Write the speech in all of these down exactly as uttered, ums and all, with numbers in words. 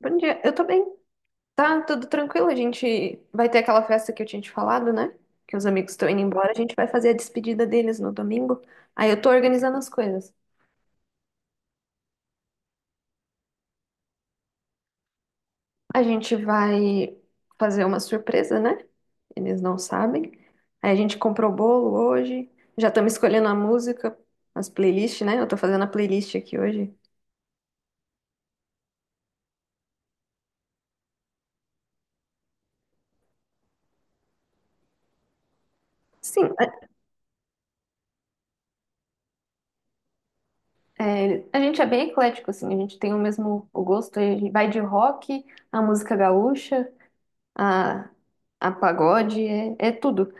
Bom dia, eu tô bem. Tá tudo tranquilo, a gente vai ter aquela festa que eu tinha te falado, né? Que os amigos estão indo embora, a gente vai fazer a despedida deles no domingo. Aí eu tô organizando as coisas. A gente vai fazer uma surpresa, né? Eles não sabem. Aí a gente comprou o bolo hoje, já estamos escolhendo a música, as playlists, né? Eu tô fazendo a playlist aqui hoje. Sim, a é, a gente é bem eclético, assim, a gente tem o mesmo o gosto, a gente vai de rock, a música gaúcha, a, a pagode, é, é tudo.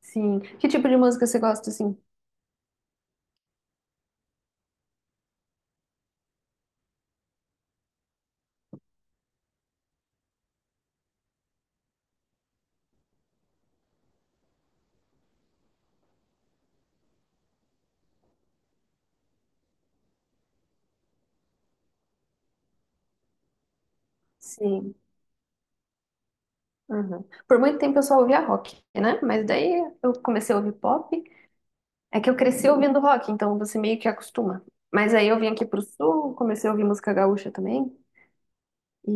Sim. Que tipo de música você gosta, assim? Sim. Uhum. Por muito tempo eu só ouvia rock, né? Mas daí eu comecei a ouvir pop. É que eu cresci ouvindo rock, então você meio que acostuma. Mas aí eu vim aqui pro sul, comecei a ouvir música gaúcha também. E,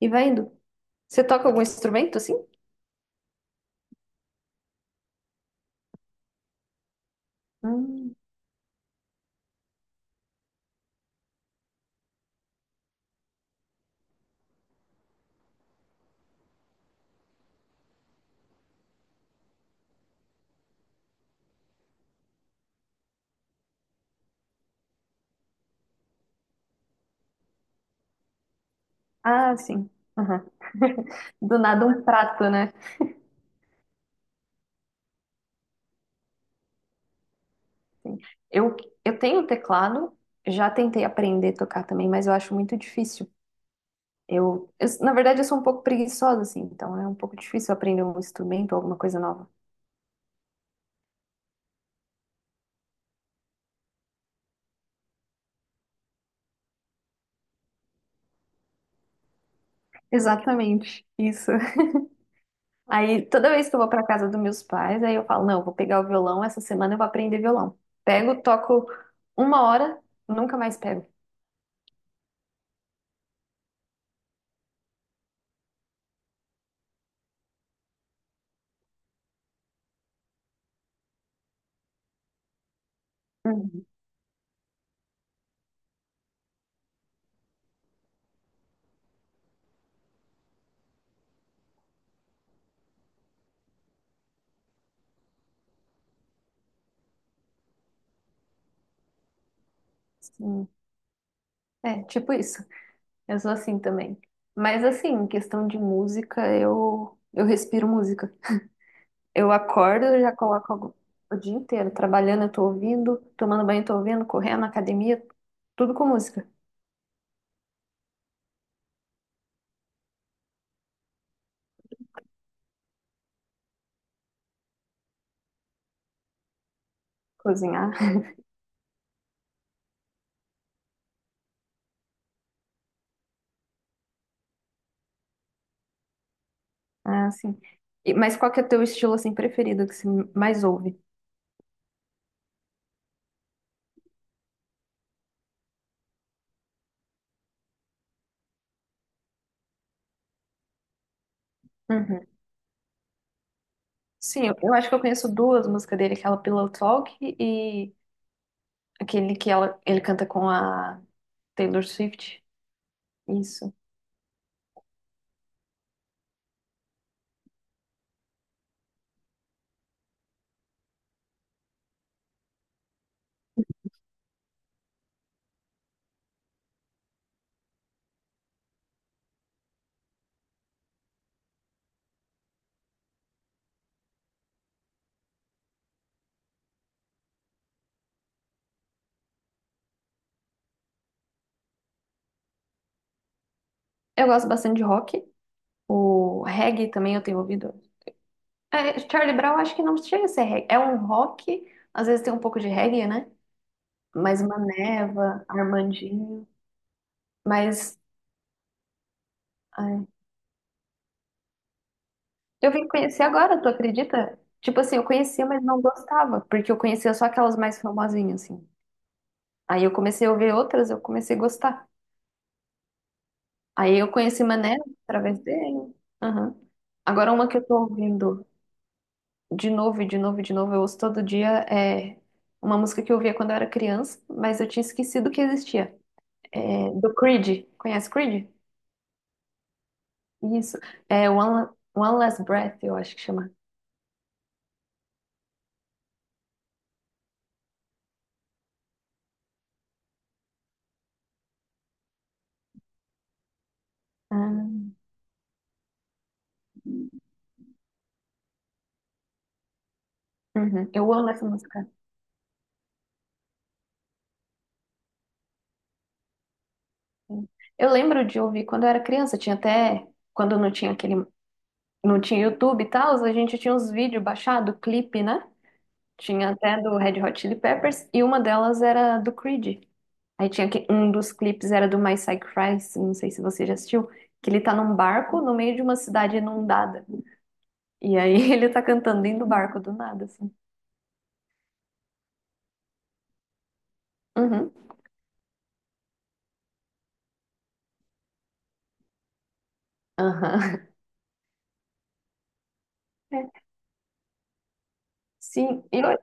e vai indo. Você toca algum instrumento, assim? Hum. Ah, sim. Aham. Do nada um prato, né? Eu, eu tenho um teclado, já tentei aprender a tocar também, mas eu acho muito difícil. Eu, eu, na verdade, eu sou um pouco preguiçosa, assim, então é um pouco difícil aprender um instrumento ou alguma coisa nova. Exatamente, isso. Aí, toda vez que eu vou para casa dos meus pais, aí eu falo, não, eu vou pegar o violão, essa semana eu vou aprender violão. Pego, toco uma hora, nunca mais pego. Uhum. Sim. É, tipo isso. Eu sou assim também. Mas assim, em questão de música, eu eu respiro música. Eu acordo, eu já coloco algo- o dia inteiro trabalhando, eu tô ouvindo, tomando banho, eu tô ouvindo, correndo, academia, tudo com música. Cozinhar, ah, sim. E- mas qual que é o teu estilo assim preferido que você mais ouve? Uhum. Sim, eu, eu acho que eu conheço duas músicas dele, aquela Pillow Talk e aquele que ela, ele canta com a Taylor Swift. Isso. Eu gosto bastante de rock. O reggae também eu tenho ouvido. É, Charlie Brown acho que não chega a ser reggae. É um rock, às vezes tem um pouco de reggae, né? Mais uma Neva, Armandinho. Mas ai, eu vim conhecer agora, tu acredita? Tipo assim, eu conhecia, mas não gostava, porque eu conhecia só aquelas mais famosinhas, assim. Aí eu comecei a ouvir outras, eu comecei a gostar. Aí eu conheci Mané através dele. Aham. Agora uma que eu tô ouvindo de novo, e de novo, e de novo, eu ouço todo dia é uma música que eu ouvia quando eu era criança, mas eu tinha esquecido que existia. É do Creed. Conhece Creed? Isso. É One, One Last Breath, eu acho que chama. Ah, uhum. Eu amo essa música. Eu lembro de ouvir quando eu era criança, tinha até quando não tinha aquele, não tinha YouTube e tal, a gente tinha uns vídeos baixados, clipe, né? Tinha até do Red Hot Chili Peppers e uma delas era do Creed. Aí tinha que um dos clipes era do My Psych Crisis, não sei se você já assistiu, que ele tá num barco no meio de uma cidade inundada. E aí ele tá cantando dentro do barco do nada, assim. Uhum. Aham. É. Sim, e eu,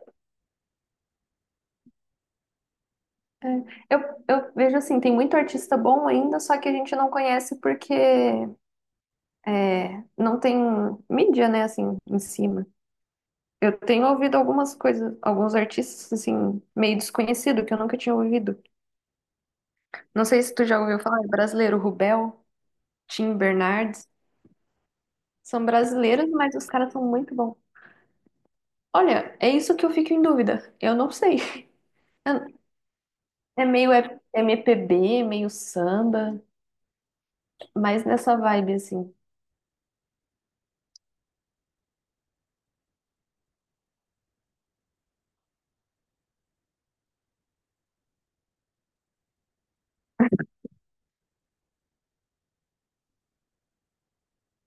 É, Eu, eu vejo assim, tem muito artista bom ainda, só que a gente não conhece porque é, não tem mídia, né, assim, em cima. Eu tenho ouvido algumas coisas, alguns artistas, assim, meio desconhecido, que eu nunca tinha ouvido. Não sei se tu já ouviu falar, é brasileiro, Rubel, Tim Bernardes. São brasileiros, mas os caras são muito bons. Olha, é isso que eu fico em dúvida. Eu não sei. É é meio M P B, meio samba, mais nessa vibe, assim.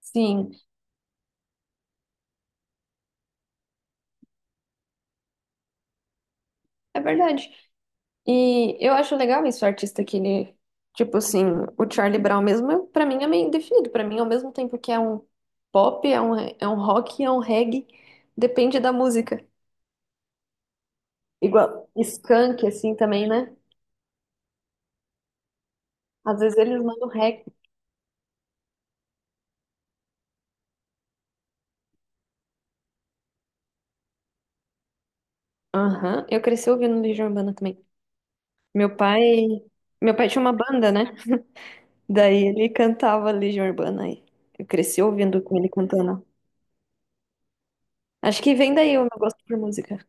Sim, é verdade. E eu acho legal isso, o artista que ele, tipo assim, o Charlie Brown mesmo, eu- pra mim é meio definido, pra mim ao mesmo tempo que é um pop, é um, é um rock, é um reggae, depende da música. Igual Skank, assim, também, né? Às vezes eles mandam reggae. Aham, eu cresci ouvindo Legião Urbana também. Meu pai, meu pai tinha uma banda, né? Daí ele cantava Legião Urbana aí. Eu cresci ouvindo com ele cantando. Acho que vem daí o meu gosto por música.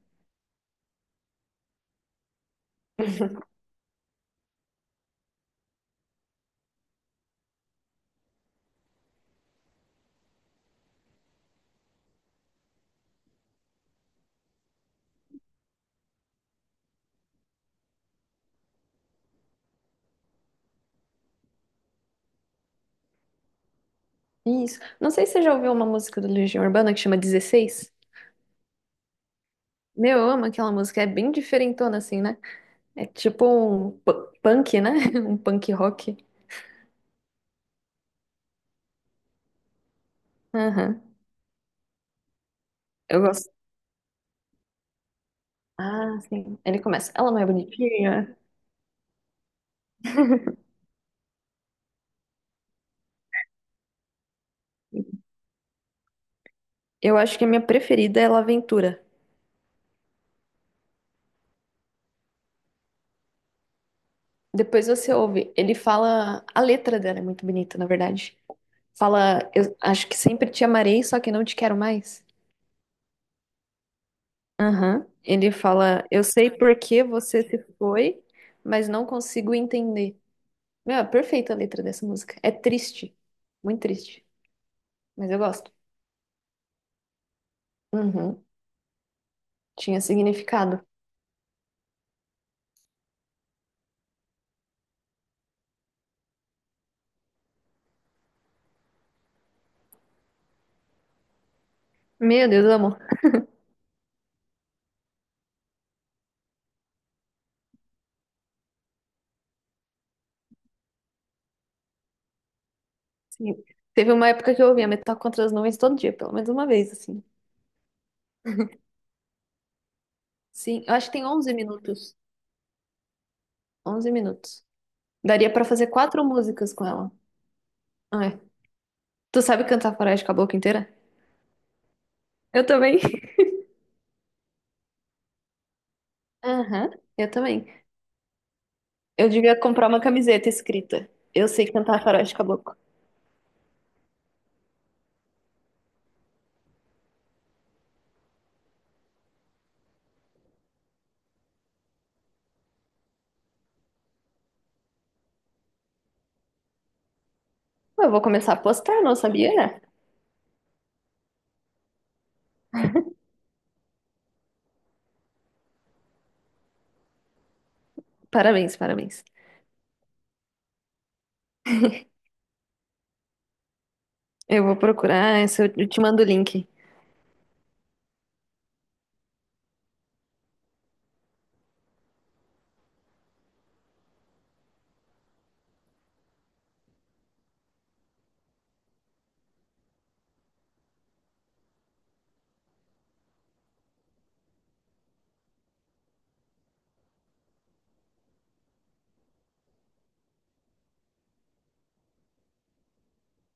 Isso. Não sei se você já ouviu uma música do Legião Urbana que chama dezesseis. Meu, eu amo aquela música, é bem diferentona assim, né? É tipo um pu- punk, né? Um punk rock. Aham. Eu gosto. Ah, sim. Ele começa. Ela não é bonitinha? Eu acho que a minha preferida é La Aventura. Depois você ouve. Ele fala. A letra dela é muito bonita, na verdade. Fala, eu acho que sempre te amarei, só que não te quero mais. Aham. Ele fala, eu sei por que você se foi, mas não consigo entender. Meu, é perfeita a letra dessa música. É triste, muito triste, mas eu gosto. Uhum. Tinha significado. Meu Deus, eu amo. Sim. Teve uma época que eu ouvia Metal Contra as Nuvens todo dia, pelo menos uma vez, assim. Sim, eu acho que tem onze minutos. Onze minutos. Daria pra fazer quatro músicas com ela. Ah, é. Tu sabe cantar Faroeste com a boca inteira? Eu também. Aham, eu também. Eu devia comprar uma camiseta escrita. Eu sei cantar Faroeste Caboclo. Eu vou começar a postar, não sabia? Parabéns, parabéns. Eu vou procurar, esse eu eu te mando o link.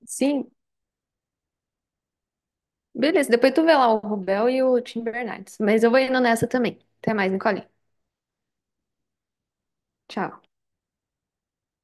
Sim, beleza. Depois tu vê lá o Rubel e o Tim Bernardes. Mas eu vou indo nessa também. Até mais, Nicole. Tchau.